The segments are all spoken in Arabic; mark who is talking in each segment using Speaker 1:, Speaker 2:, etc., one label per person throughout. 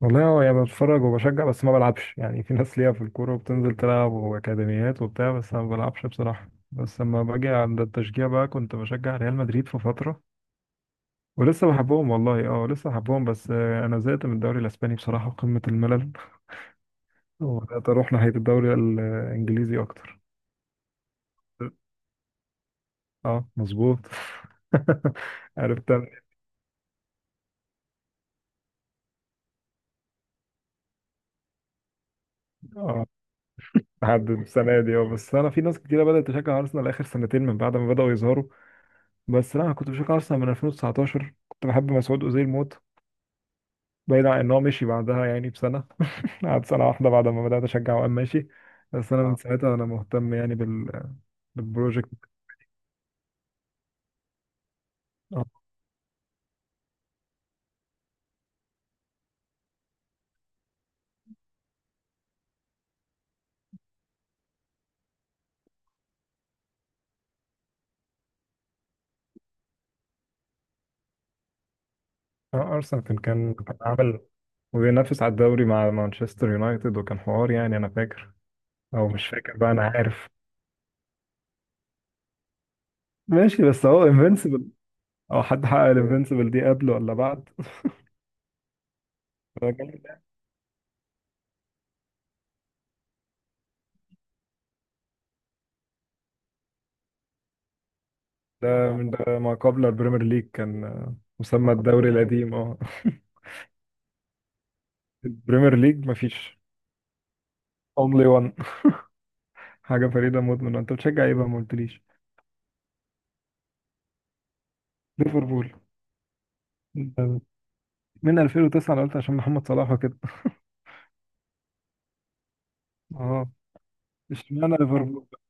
Speaker 1: والله هو يعني بتفرج وبشجع، بس ما بلعبش. يعني في ناس ليها في الكورة وبتنزل تلعب وأكاديميات وبتاع، بس أنا ما بلعبش بصراحة. بس لما باجي عند التشجيع بقى كنت بشجع ريال مدريد في فترة ولسه بحبهم والله. اه لسه بحبهم، بس أنا زهقت من الدوري الأسباني بصراحة، قمة الملل. وبدأت أروح ناحية الدوري الإنجليزي أكتر. اه، مظبوط. عرفت أنا. اه، لحد السنة دي. اه بس أنا في ناس كتيرة بدأت تشجع أرسنال آخر سنتين من بعد ما بدأوا يظهروا. بس لا، انا كنت بشجع ارسنال من 2019، كنت بحب مسعود اوزيل موت، بعيد عن ان هو مشي بعدها يعني بسنه. قعد سنه واحده بعد ما بدات اشجع وقام ماشي. بس انا من ساعتها انا مهتم يعني بالبروجكت. آه، ارسنال كان عامل، وبينافس على الدوري مع مانشستر يونايتد، وكان حوار. يعني انا فاكر او مش فاكر بقى، انا عارف ماشي. بس هو انفينسيبل، او حد حقق الانفينسيبل دي قبله ولا بعد؟ ده جامد. ده من ده ما قبل البريمير ليج، كان مسمى الدوري القديم اه. البريمير ليج مفيش، اونلي وان. حاجه فريده مدمنه. انت بتشجع ايه بقى، ما قلتليش؟ ليفربول؟ أنت من 2009؟ انا قلت عشان محمد صلاح وكده. اه، اشمعنى ليفربول بقى؟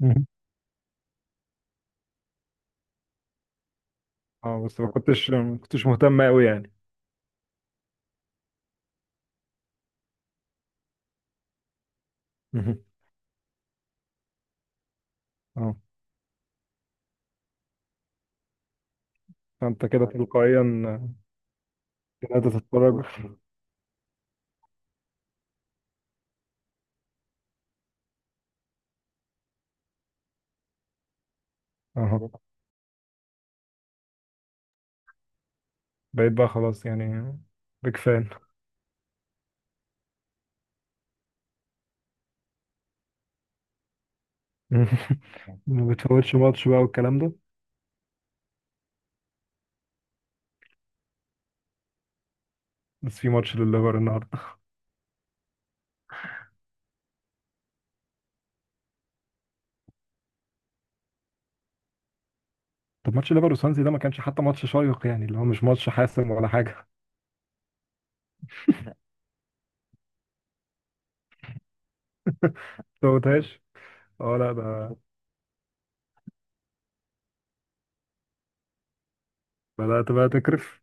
Speaker 1: مهم. اه، بس ما كنتش مهتم قوي يعني. مهم. اه، فانت كده تلقائيا بدأت تتفرج. اه، بقيت بقى خلاص يعني بيج فان. ما بتفوتش ماتش بقى والكلام ده؟ بس في ماتش لليفر النهارده. طب ماتش ليفر وسانسي ده ما كانش حتى ماتش شيق، يعني اللي هو مش ماتش حاسم ولا حاجه. ما فوتهاش. اه لا ده، بدأت بقى تكرف؟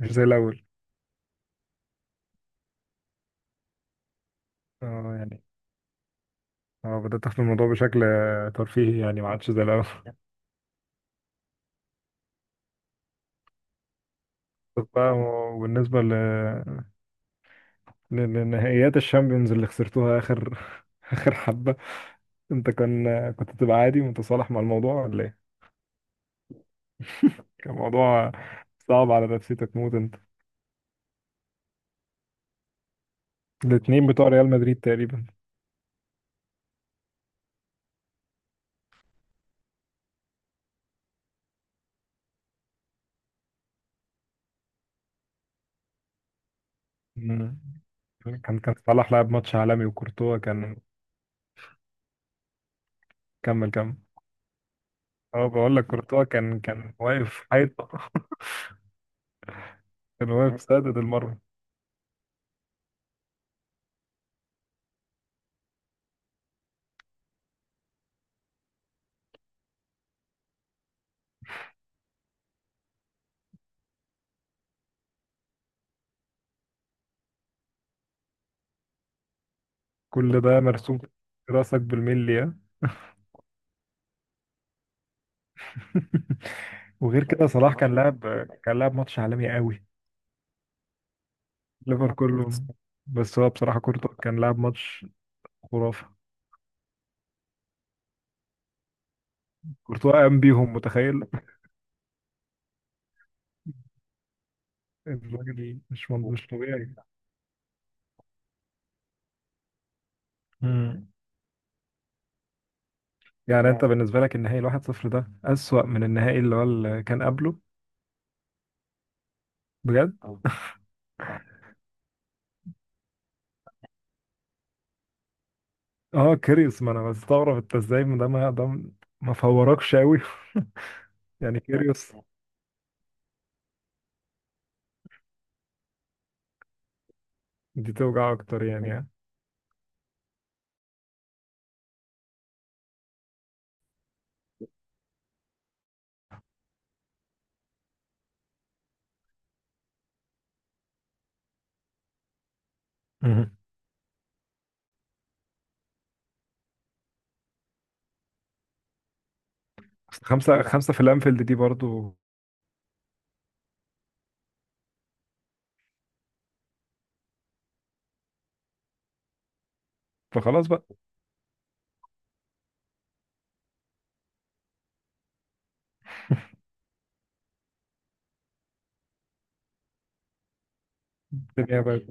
Speaker 1: مش زي الأول. اه يعني، اه بدأت أخد الموضوع بشكل ترفيهي، يعني ما عادش زي الأول. طب بقى، وبالنسبة لنهائيات الشامبيونز اللي خسرتوها آخر آخر حبة. أنت كان، كنت تبقى عادي متصالح مع الموضوع ولا إيه؟ كان موضوع صعب على نفسيتك موت أنت. الاتنين بتوع ريال مدريد تقريبا. مم. كان صلاح لعب ماتش عالمي وكورتوا كان. كمل كمل. اه، بقول لك كورتوا كان واقف حيطة، كان واقف سادد المرمى. كل ده مرسوم في راسك بالملي، ها؟ وغير كده صلاح كان لاعب ماتش عالمي قوي. ليفر كله. بس هو بصراحة كورتوا كان لاعب ماتش خرافة. كورتوا قام بيهم، متخيل؟ الراجل مش طبيعي. مم. يعني انت بالنسبة لك النهائي الواحد صفر ده أسوأ من النهائي اللي هو اللي كان قبله؟ بجد؟ اه كيريوس، ما انا بستغرب انت ازاي ده ما فوركش قوي. يعني كيريوس. دي توجع اكتر يعني. مم. بس خمسة خمسة في الانفيلد دي برضو. فخلاص بقى الدنيا بقى.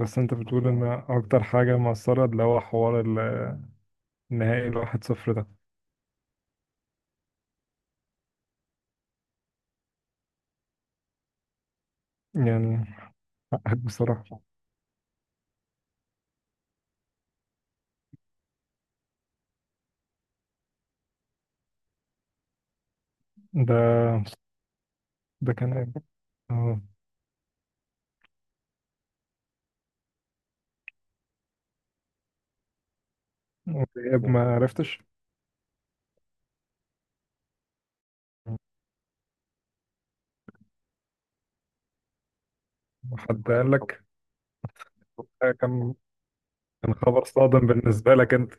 Speaker 1: بس انت بتقول ان اكتر حاجة مؤثرة اللي هو حوار النهائي الواحد صفر ده؟ يعني حقك بصراحة. ده ده كان عيب. اه، عيب ما عرفتش. وحد قال لك؟ ده كان، كان خبر صادم بالنسبة لك انت؟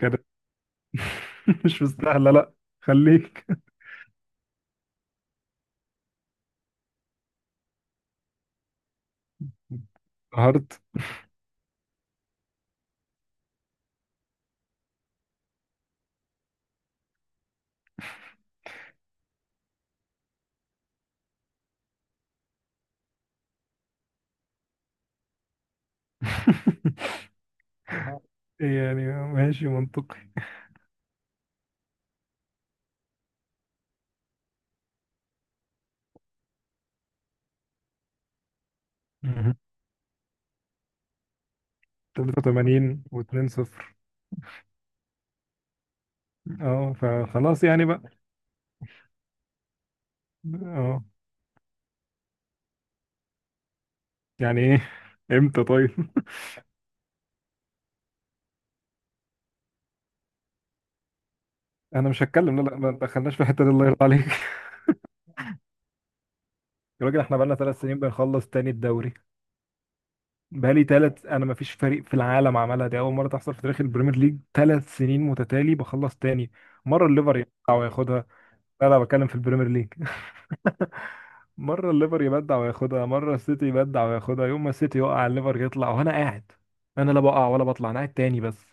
Speaker 1: كانت. مش مستاهلة لا، خليك. قهرت. يعني ماشي منطقي. مهم. 83 و2 صفر. اه، فخلاص يعني بقى. اه، يعني ايه، امتى طيب. انا مش هتكلم، لا لا، ما دخلناش في الحته دي، الله يرضى عليك. يا راجل احنا بقالنا 3 سنين بنخلص تاني الدوري. بقالي 3، انا ما فيش فريق في العالم عملها دي، اول مره تحصل في تاريخ البريمير ليج 3 سنين متتالي بخلص تاني، مره الليفر يبدع وياخدها. لا لا، بتكلم في البريمير ليج. مره الليفر يبدع وياخدها، مره السيتي يبدع وياخدها، يوم ما السيتي يقع الليفر يطلع وانا قاعد. انا لا بقع ولا بطلع، انا قاعد تاني. بس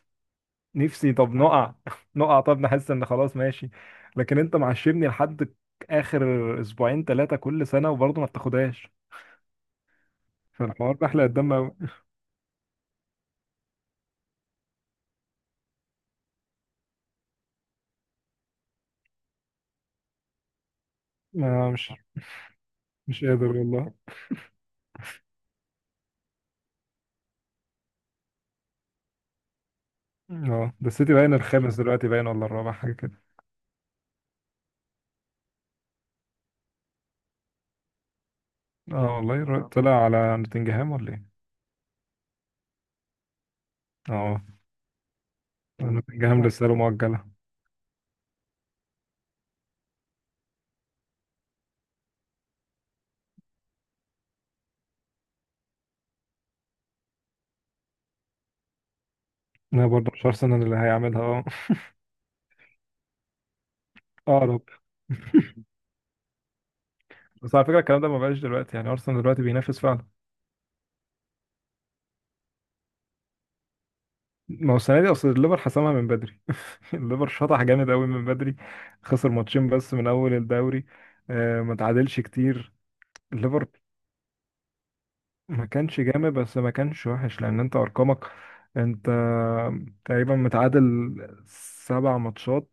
Speaker 1: نفسي، طب نقع. نقع، طب نحس ان خلاص ماشي. لكن انت معشمني لحد اخر اسبوعين ثلاثه كل سنه، وبرضه ما بتاخدهاش، فالحوار ده احلى قدام أوي. ما مش قادر والله. اه، ده السيتي باين الخامس دلوقتي، باين ولا الرابع، حاجه كده. اه والله، طلع على نوتنجهام ولا ايه؟ اه. نوتنجهام لسه له مؤجله. انا برضه مش ارسنال اللي هيعملها اه. اه، رب. بس على فكره الكلام ده ما بقاش دلوقتي، يعني ارسنال دلوقتي بينافس فعلا. ما هو السنه دي اصل الليفر حسمها من بدري، الليفر شطح جامد قوي من بدري، خسر ماتشين بس من اول الدوري، ما تعادلش كتير. الليفر ما كانش جامد، بس ما كانش وحش، لان انت ارقامك، انت تقريبا متعادل 7 ماتشات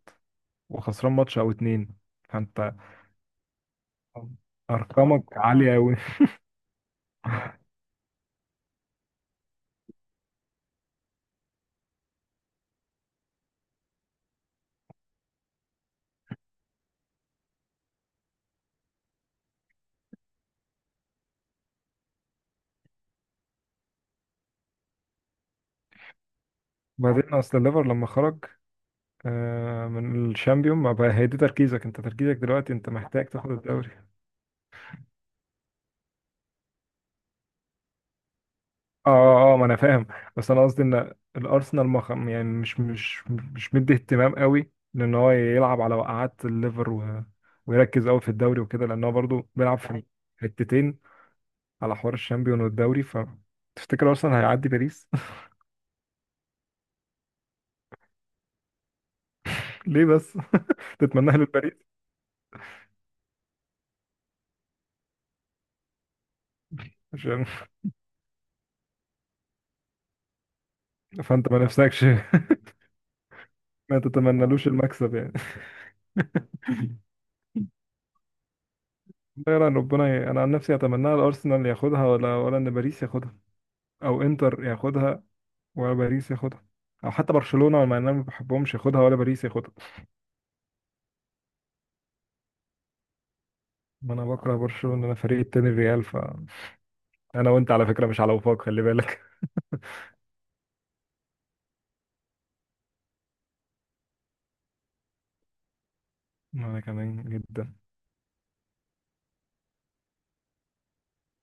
Speaker 1: وخسران ماتش او اتنين، فانت ارقامك عالية قوي. بعدين اصل الليفر لما خرج من الشامبيون، ما بقى هي دي تركيزك، انت تركيزك دلوقتي انت محتاج تاخد الدوري. اه، اه، ما انا فاهم. بس انا قصدي ان الارسنال يعني مش مدي اهتمام قوي، لان هو يلعب على وقعات الليفر ويركز قوي في الدوري وكده، لان هو برضه بيلعب في حتتين، على حوار الشامبيون والدوري. ف تفتكر ارسنال هيعدي باريس؟ ليه بس؟ تتمناها للباريس؟ عشان. فانت ما نفسكش ما تتمنالوش المكسب يعني. غير ان ربنا انا عن نفسي اتمناها الارسنال ياخدها ولا، ولا ان باريس ياخدها، او انتر ياخدها، ولا باريس ياخدها، او حتى برشلونه، ولا انا ما بحبهمش ياخدها، ولا باريس ياخدها. ما انا بكره برشلونه، انا فريق التاني الريال. ف انا وانت على فكره مش على وفاق، خلي بالك. انا كمان جدا.